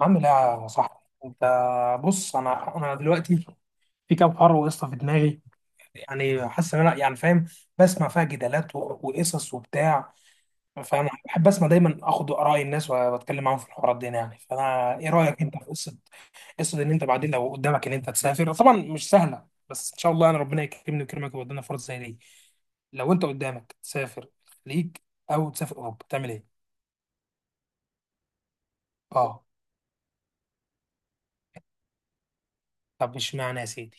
عامل ايه يا صاحبي انت؟ بص، انا دلوقتي في كام حوار قصه في دماغي. يعني حاسس ان انا يعني فاهم. بسمع فيها جدالات وقصص وبتاع. فانا بحب اسمع دايما اخد اراء الناس واتكلم معاهم في الحوارات دي يعني. فانا ايه رايك انت في قصه، قصه ان انت بعدين لو قدامك ان انت تسافر؟ طبعا مش سهله بس ان شاء الله انا ربنا يكرمني ويكرمك ويودينا فرص زي دي. لو انت قدامك تسافر الخليج او تسافر اوروبا تعمل ايه؟ اه. طب اشمعنى يا سيدي؟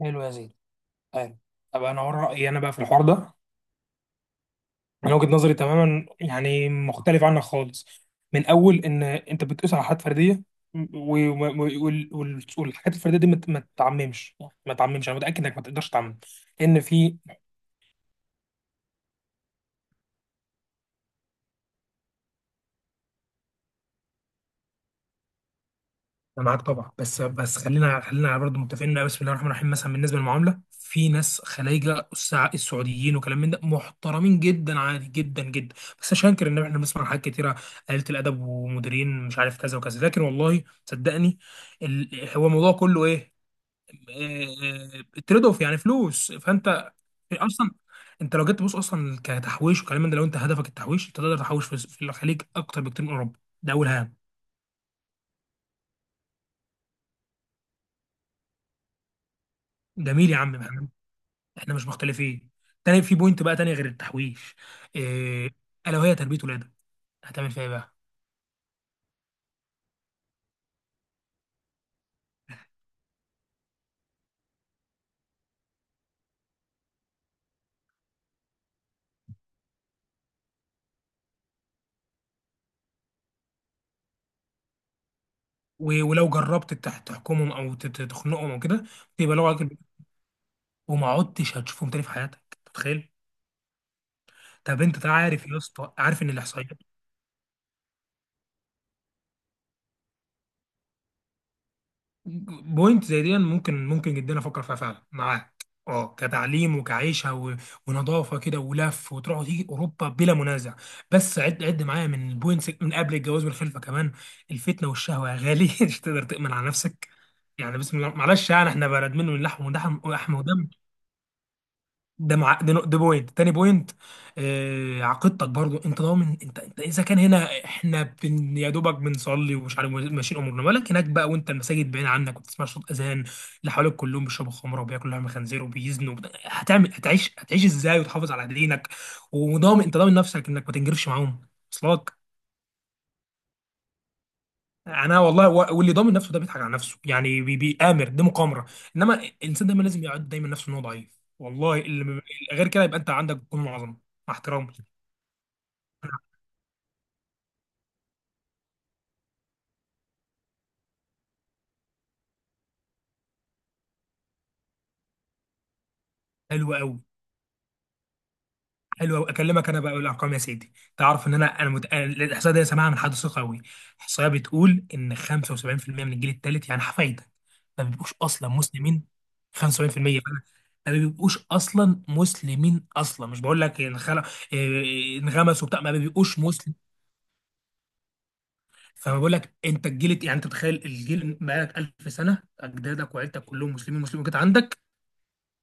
حلو يا سيدي. أيوة. طب انا اقول رايي انا بقى في الحوار ده. من وجهه نظري تماما يعني مختلف عنك خالص. من اول ان انت بتقيس على حاجات فرديه، والحاجات الفرديه دي ما تعممش. انا متاكد انك ما تقدرش تعمم ان في... انا معاك طبعا. بس خلينا برضه متفقين، إن بسم الله الرحمن الرحيم مثلا بالنسبه للمعامله، في ناس خلايجه السعوديين وكلام من ده محترمين جدا، عادي جدا جدا. بس مش هنكر ان احنا بنسمع حاجات كتيره، قليله الادب ومديرين مش عارف كذا وكذا. لكن والله صدقني، هو الموضوع كله ايه؟ تريد اوف، يعني فلوس. فانت اصلا، انت لو جيت تبص اصلا كتحويش وكلام من ده، لو انت هدفك التحويش انت تقدر تحوش في الخليج اكتر بكتير من اوروبا. ده اول هام. جميل يا عم، احنا مش مختلفين. تاني في بوينت بقى تانية غير التحويش، إيه؟ الا وهي تربية ولادك، هتعمل فيها ايه بقى؟ ولو جربت تحكمهم او تخنقهم او كده تبقى لو... وما عدتش هتشوفهم تاني في حياتك، أنت متخيل؟ طب انت عارف يا اسطى، عارف ان اللي هيحصل. بوينت زي دي ممكن، ممكن جدا افكر فيها فعلا، معاك. اه، كتعليم وكعيشه و... ونظافه كده ولف وتروح وتيجي، اوروبا بلا منازع. بس عد، عد معايا من البوينتس، من قبل الجواز والخلفه كمان. الفتنه والشهوه يا غالي مش تقدر تامن على نفسك. يعني بسم الله، معلش، يعني احنا بلد منه، من اللحم ودحم ولحم ودم. ده مع ده، ده بوينت، تاني بوينت. آه، عقيدتك برضو، انت ضامن؟ انت اذا كان هنا احنا بن، يا دوبك بنصلي ومش عارف ماشيين امورنا، مالك هناك بقى وانت المساجد بعيد عنك وتسمع صوت اذان؟ اللي حواليك كلهم بيشربوا خمره وبياكلوا لحم خنزير وبيزنوا، هتعيش ازاي وتحافظ على دينك؟ وضامن، انت ضامن نفسك انك ما تنجرفش معاهم؟ وصلك؟ انا والله، واللي ضامن نفسه ده بيضحك على نفسه يعني. بيآمر، دي مقامره. انما الانسان دايما لازم يعد دايما نفسه ان هو ضعيف. والله اللي غير كده يبقى انت عندك جنون عظمه، مع احترامي. حلو قوي، حلو قوي. اكلمك انا بقى بالارقام يا سيدي. تعرف ان انا، أنا الاحصائيه دي سامعها من حد ثقه قوي. الاحصائيه بتقول ان 75% من الجيل الثالث، يعني حفايده، ما بيبقوش اصلا مسلمين. 75%، ما بيبقوش اصلا مسلمين اصلا. مش بقول لك إيه، انغمسوا بتاع، ما بيبقوش مسلمين. فما بقول لك انت الجيل يعني، انت تخيل الجيل بقالك 1000 سنه اجدادك وعيلتك كلهم مسلمين، مسلمين كده عندك.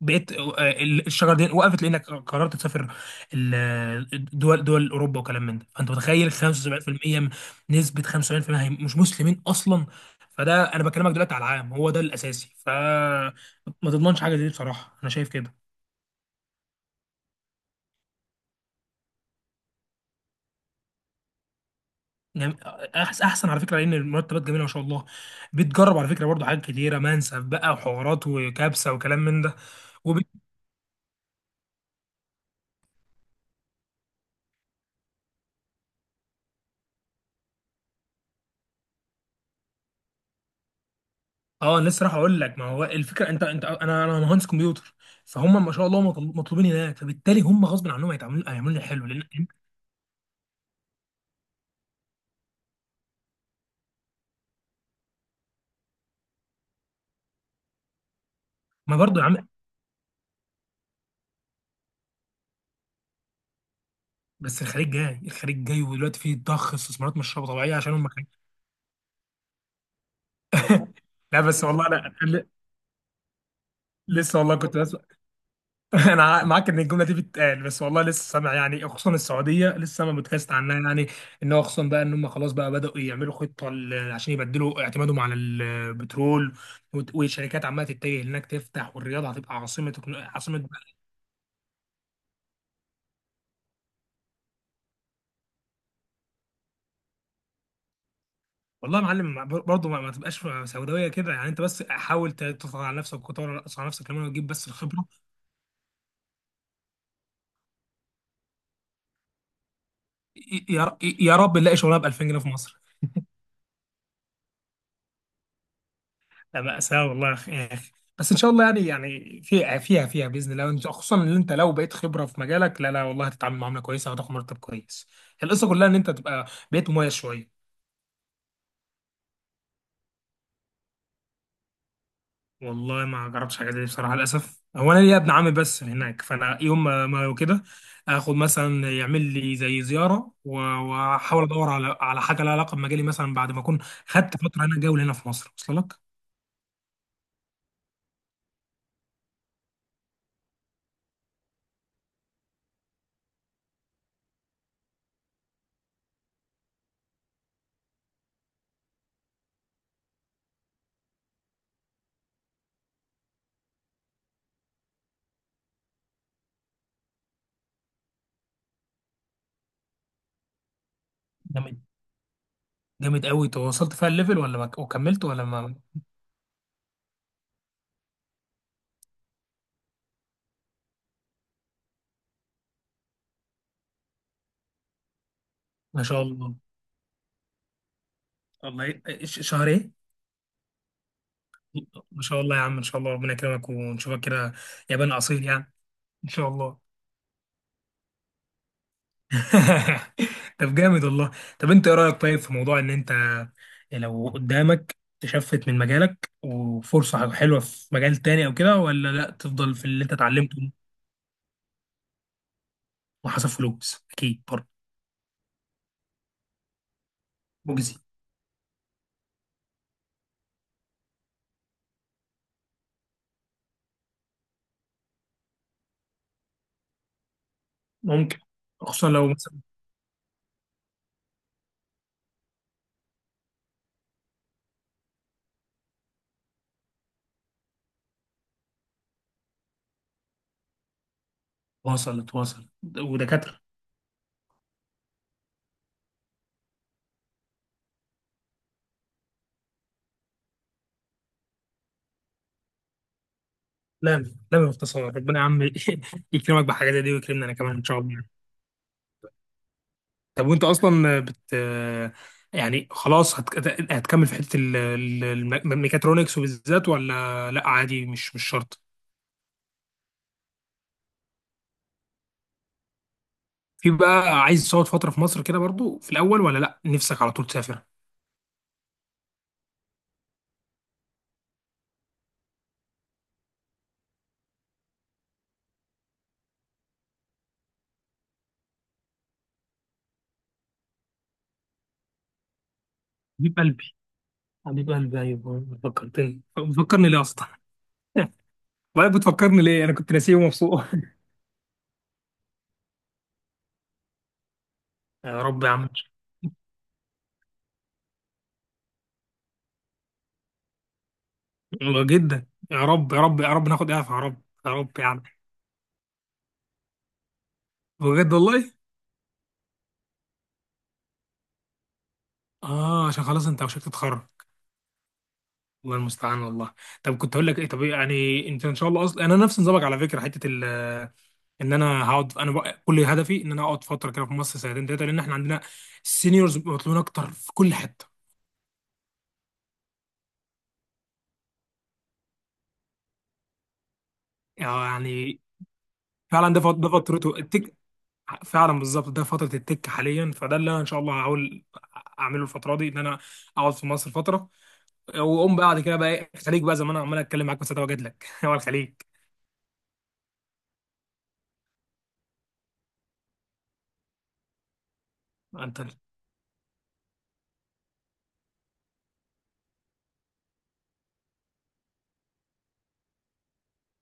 بقيت آه، الشجره دي وقفت لانك قررت تسافر دول، دول اوروبا وكلام من ده. فانت متخيل نسبه 75% هي مش مسلمين اصلا. فده انا بكلمك دلوقتي على العام، هو ده الاساسي. فما تضمنش حاجه زي دي بصراحه، انا شايف كده. يعني احسن على فكره لان المرتبات جميله ما شاء الله. بتجرب على فكره برضه حاجات كتيره، منسف بقى وحوارات وكبسه وكلام من ده. اه، لسه راح اقول لك. ما هو الفكره، انت انا مهندس كمبيوتر. فهم ما شاء الله مطلوبين هناك، فبالتالي هم غصب عنهم هيتعاملوا، هيعملوا لي حلو لان... ما برضه يا عم. بس الخليج جاي، الخليج جاي، ودلوقتي فيه ضخ استثمارات مش طبيعيه عشان هم خليج. لا بس والله، لا ل- لسه والله كنت بس. انا معاك ان الجمله دي بتتقال، بس والله لسه سامع يعني. خصوصا السعوديه لسه سامع بودكاست عنها يعني. ان هو خصوصا بقى، ان هم خلاص بقى بداوا يعملوا خطه عشان يبدلوا اعتمادهم على البترول. والشركات عماله تتجه هناك تفتح، والرياض هتبقى عاصمه عاصمه. والله يا معلم، برضه ما تبقاش سوداويه كده يعني. انت بس حاول تضغط على نفسك وتطور على نفسك كمان وتجيب بس الخبره. يا رب نلاقي شغلانه ب 2000 جنيه في مصر. لا، مأساة والله يا أخي، يا أخي. بس إن شاء الله يعني. في فيها بإذن الله. خصوصا إن أنت لو بقيت خبرة في مجالك، لا لا والله، هتتعامل معاملة كويسة وهتاخد مرتب كويس. القصة كلها إن أنت بقيت مميز شوية. والله ما جربتش حاجة زي دي بصراحة، للأسف. هو أنا ليا ابن عمي بس هناك، فأنا يوم ما كده آخد مثلا، يعمل لي زي زيارة، وأحاول أدور على حاجة لها علاقة بمجالي مثلا، بعد ما أكون خدت فترة هنا، جولة هنا في مصر. وصل لك؟ جامد. جامد قوي. تواصلت فيها الليفل ولا ما، وكملت ولا ما؟ ما شاء الله. والله شهر ايه؟ ما شاء الله يا عم. ان شاء الله ربنا يكرمك ونشوفك كده، يابان اصيل يعني. ان شاء الله. طب جامد والله. طب انت ايه رايك طيب في موضوع ان انت لو قدامك تشفت من مجالك وفرصه حلوه في مجال تاني او كده، ولا لا تفضل في اللي انت اتعلمته؟ وحسب فلوس اكيد برضه. مجزي. ممكن. خصوصا لو مثلا... واصل، واصل. ودكاتره... لا لا، باختصار ربنا يا عم يكرمك بحاجه زي دي ويكرمنا انا كمان ان شاء الله. طب وانت اصلا بت... يعني خلاص هتكمل في حته الميكاترونكس وبالذات، ولا لا عادي، مش شرط؟ في بقى عايز تقعد فتره في مصر كده برضو في الاول، ولا لا نفسك على طول تسافر؟ حبيب قلبي، حبيب قلبي. ايوه فكرتني. فكرني ليه اصلا؟ والله بتفكرني ليه؟ انا كنت ناسيه ومبسوط. يا رب يا عم. والله جدا، يا رب يا رب يا رب ناخد اعفاء، يا رب يا رب يعني. بجد والله. اه عشان خلاص انت وشك تتخرج. الله المستعان والله. طب كنت هقول لك ايه؟ طب إيه يعني؟ انت ان شاء الله، اصلا انا نفس نظامك على فكره، حته ال... ان انا هقعد، انا بقى كل هدفي ان انا اقعد فتره كده في مصر، سنتين ثلاثه، لان احنا عندنا السينيورز مطلوبين اكتر في كل حته. يعني فعلا، ده فترته التك، فعلا بالظبط. ده فتره التك حاليا. فده اللي انا ان شاء الله هحاول اعمله الفتره دي، ان انا اقعد في مصر فتره، واقوم بعد كده بقى ايه؟ الخليج بقى، زي ما انا عمال اتكلم معاك، بس ده واجد لك هو الخليج. انت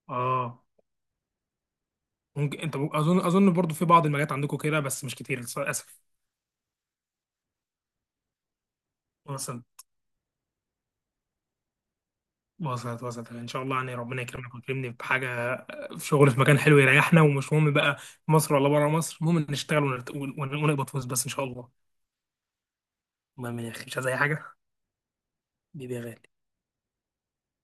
اه، ممكن انت اظن برضو في بعض المجالات عندكم كده، بس مش كتير للاسف. وصلت، وصلت، وصلت. ان شاء الله يعني، ربنا يكرمك ويكرمني بحاجه، في شغل في مكان حلو يريحنا. ومش مهم بقى في مصر ولا بره مصر، المهم إن نشتغل ونقبض فلوس بس ان شاء الله. المهم يا اخي مش عايز اي حاجه. بيبي يا غالي.